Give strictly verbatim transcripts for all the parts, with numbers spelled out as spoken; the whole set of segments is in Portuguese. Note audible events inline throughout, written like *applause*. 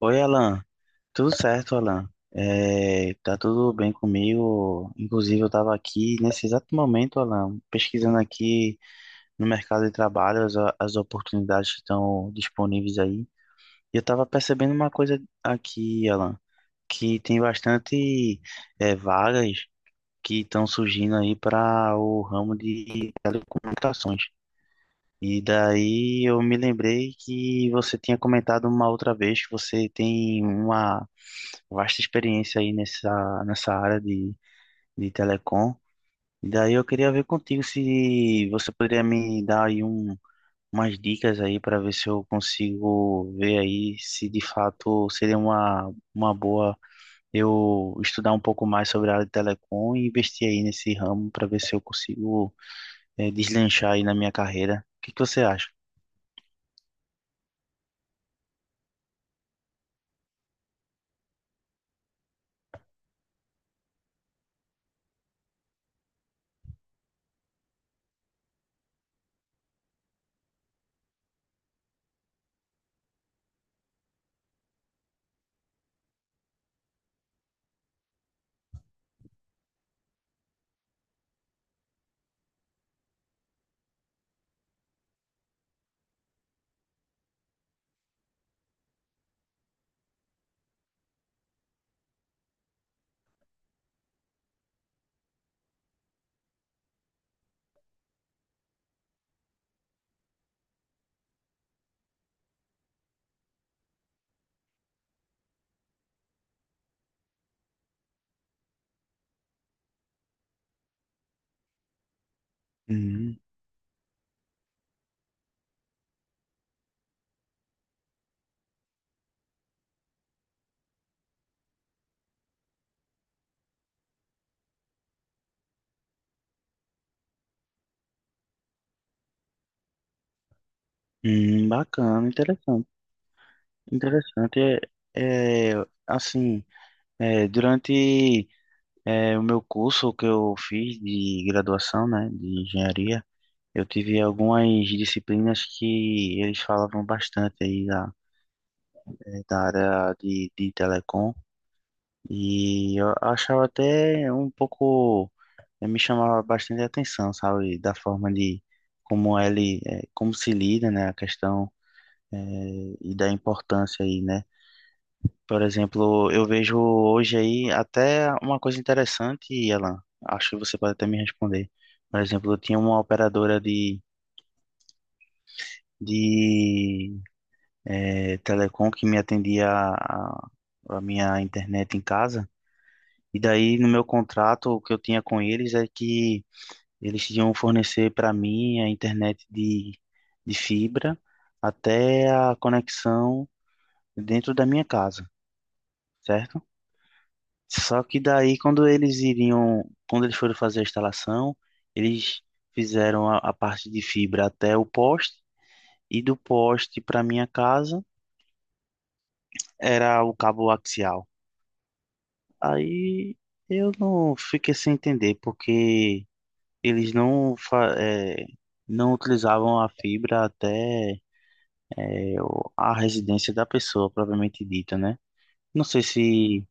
Oi, Alan. Tudo certo, Alan? É, tá tudo bem comigo. Inclusive, eu estava aqui nesse exato momento, Alan, pesquisando aqui no mercado de trabalho as, as oportunidades que estão disponíveis aí. E eu estava percebendo uma coisa aqui, Alan, que tem bastante é, vagas que estão surgindo aí para o ramo de telecomunicações. E daí eu me lembrei que você tinha comentado uma outra vez que você tem uma vasta experiência aí nessa, nessa área de, de telecom. E daí eu queria ver contigo se você poderia me dar aí um, umas dicas aí para ver se eu consigo ver aí se de fato seria uma, uma boa eu estudar um pouco mais sobre a área de telecom e investir aí nesse ramo para ver se eu consigo eh, deslanchar aí na minha carreira. O que que você acha? Hum, hum, bacana, interessante. Interessante. É, é, assim, é, durante É, o meu curso que eu fiz de graduação, né, de engenharia, eu tive algumas disciplinas que eles falavam bastante aí da, eh, da área de, de telecom e eu achava até um pouco, eh, me chamava bastante atenção, sabe, da forma de como ele, eh, como se lida, né, a questão eh, e da importância aí, né. Por exemplo, eu vejo hoje aí até uma coisa interessante, Alan. Acho que você pode até me responder. Por exemplo, eu tinha uma operadora de, de eh, telecom que me atendia a, a minha internet em casa. E daí, no meu contrato, o que eu tinha com eles é que eles iam fornecer para mim a internet de, de fibra até a conexão dentro da minha casa, certo? Só que daí, quando eles iriam, quando eles foram fazer a instalação, eles fizeram a, a parte de fibra até o poste e do poste para minha casa era o cabo axial. Aí eu não fiquei sem entender porque eles não fa- eh, não utilizavam a fibra até eh, o- a residência da pessoa, propriamente dita, né? Não sei se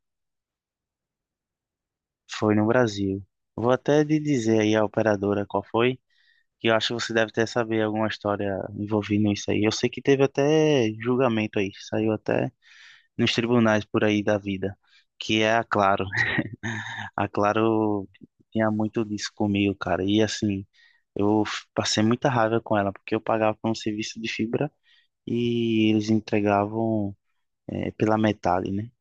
foi no Brasil. Vou até de dizer aí a operadora qual foi. Que eu acho que você deve até saber alguma história envolvendo isso aí. Eu sei que teve até julgamento aí, saiu até nos tribunais por aí da vida, que é a Claro. *laughs* A Claro tinha muito disso comigo, cara. E assim, eu f- passei muita raiva com ela, porque eu pagava por um serviço de fibra e eles entregavam eh, pela metade, né?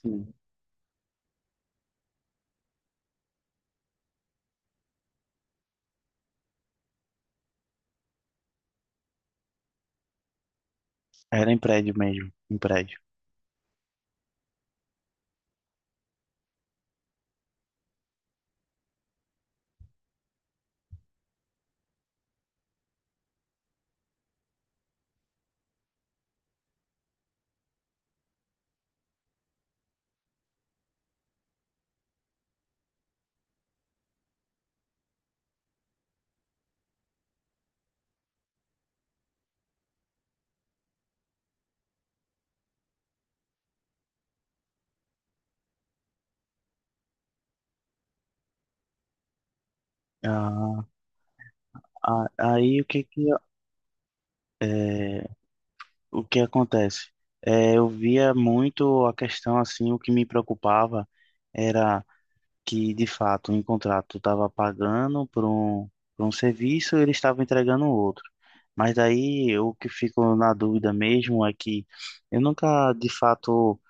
Sim. Era em prédio mesmo, em prédio. Ah, a- aí o que que... eu- é, O que acontece? É, eu via muito a questão assim, o que me preocupava era que, de fato, em contrato estava pagando por um, por um serviço e ele estava entregando outro. Mas daí o que fico na dúvida mesmo é que eu nunca, de fato,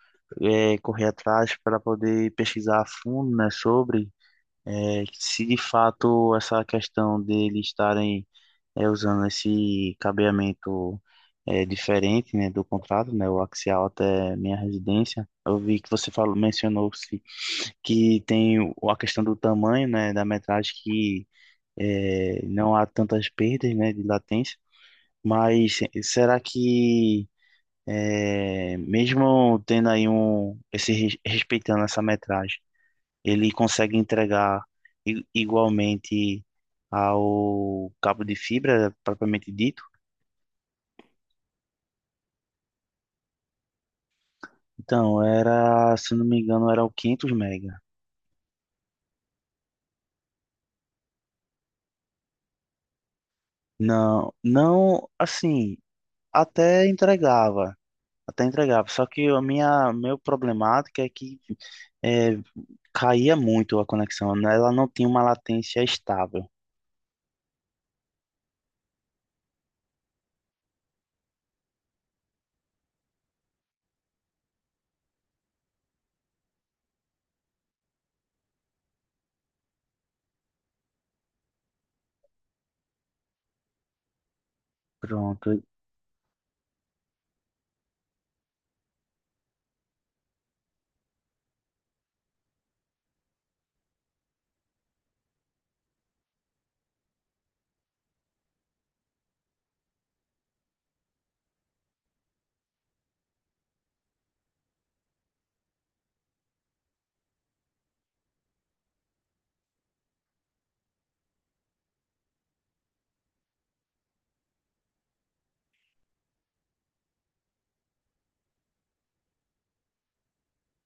é, corri atrás para poder pesquisar a fundo, né, sobre é, se de fato essa questão deles estarem é, usando esse cabeamento é, diferente, né, do contrato, né, o axial até minha residência. Eu vi que você falou, mencionou-se que tem o- a questão do tamanho, né, da metragem que é, não há tantas perdas, né, de latência. Mas será que é, mesmo tendo aí um esse res- respeitando essa metragem, ele consegue entregar i- igualmente ao cabo de fibra propriamente dito? Então, era, se não me engano, era o quinhentos mega. Não, não, assim, até entregava, até entregava. Só que a minha, meu problemática é que é, caía muito a conexão, né? Ela não tinha uma latência estável. Pronto,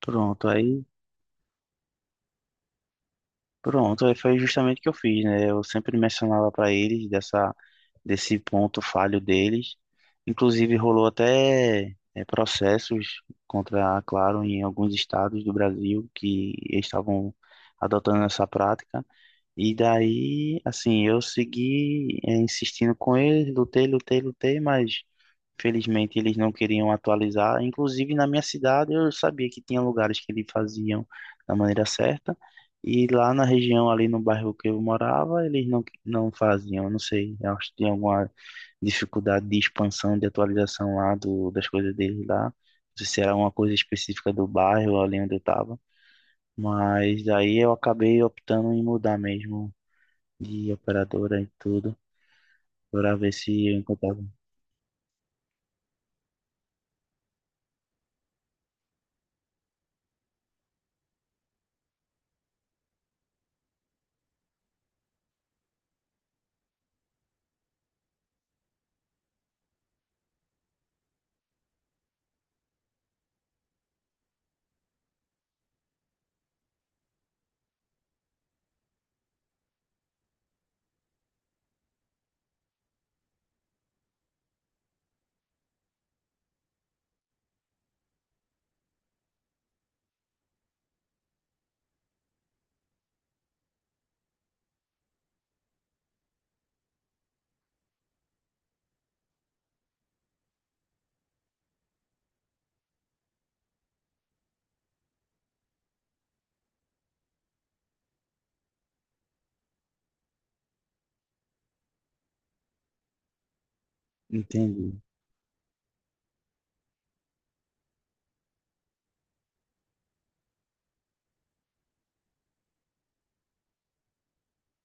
pronto, aí, Pronto, aí foi justamente o que eu fiz, né? Eu sempre mencionava para eles dessa desse ponto falho deles. Inclusive, rolou até é, processos contra a Claro em alguns estados do Brasil que estavam adotando essa prática. E daí, assim, eu segui eh, insistindo com eles, lutei, lutei, lutei, mas felizmente eles não queriam atualizar. Inclusive na minha cidade eu sabia que tinha lugares que eles faziam da maneira certa, e lá na região, ali no bairro que eu morava, eles não, não faziam. Eu não sei, eu acho que tinha alguma dificuldade de expansão, de atualização lá do, das coisas deles lá. Não sei se era uma coisa específica do bairro ali onde eu estava. Mas aí eu acabei optando em mudar mesmo de operadora e tudo, para ver se eu encontrava. Entendi.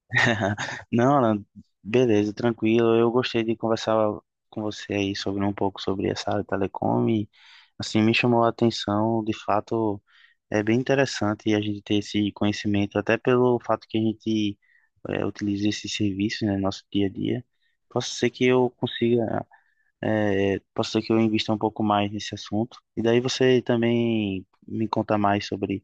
*laughs* Não, Alan, beleza, tranquilo. Eu gostei de conversar com você aí sobre um pouco sobre essa área de telecom e, assim, me chamou a atenção. De fato, é bem interessante a gente ter esse conhecimento, até pelo fato que a gente é, utiliza esses serviços, né, no nosso dia a dia. Posso ser que eu consiga, é, posso ser que eu invista um pouco mais nesse assunto. E daí você também me conta mais sobre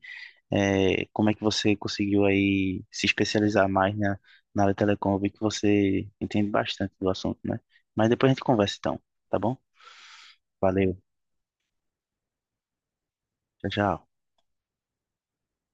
É, como é que você conseguiu aí se especializar mais na, na área telecom? Eu vi que você entende bastante do assunto, né? Mas depois a gente conversa então, tá bom? Valeu, tchau, tchau.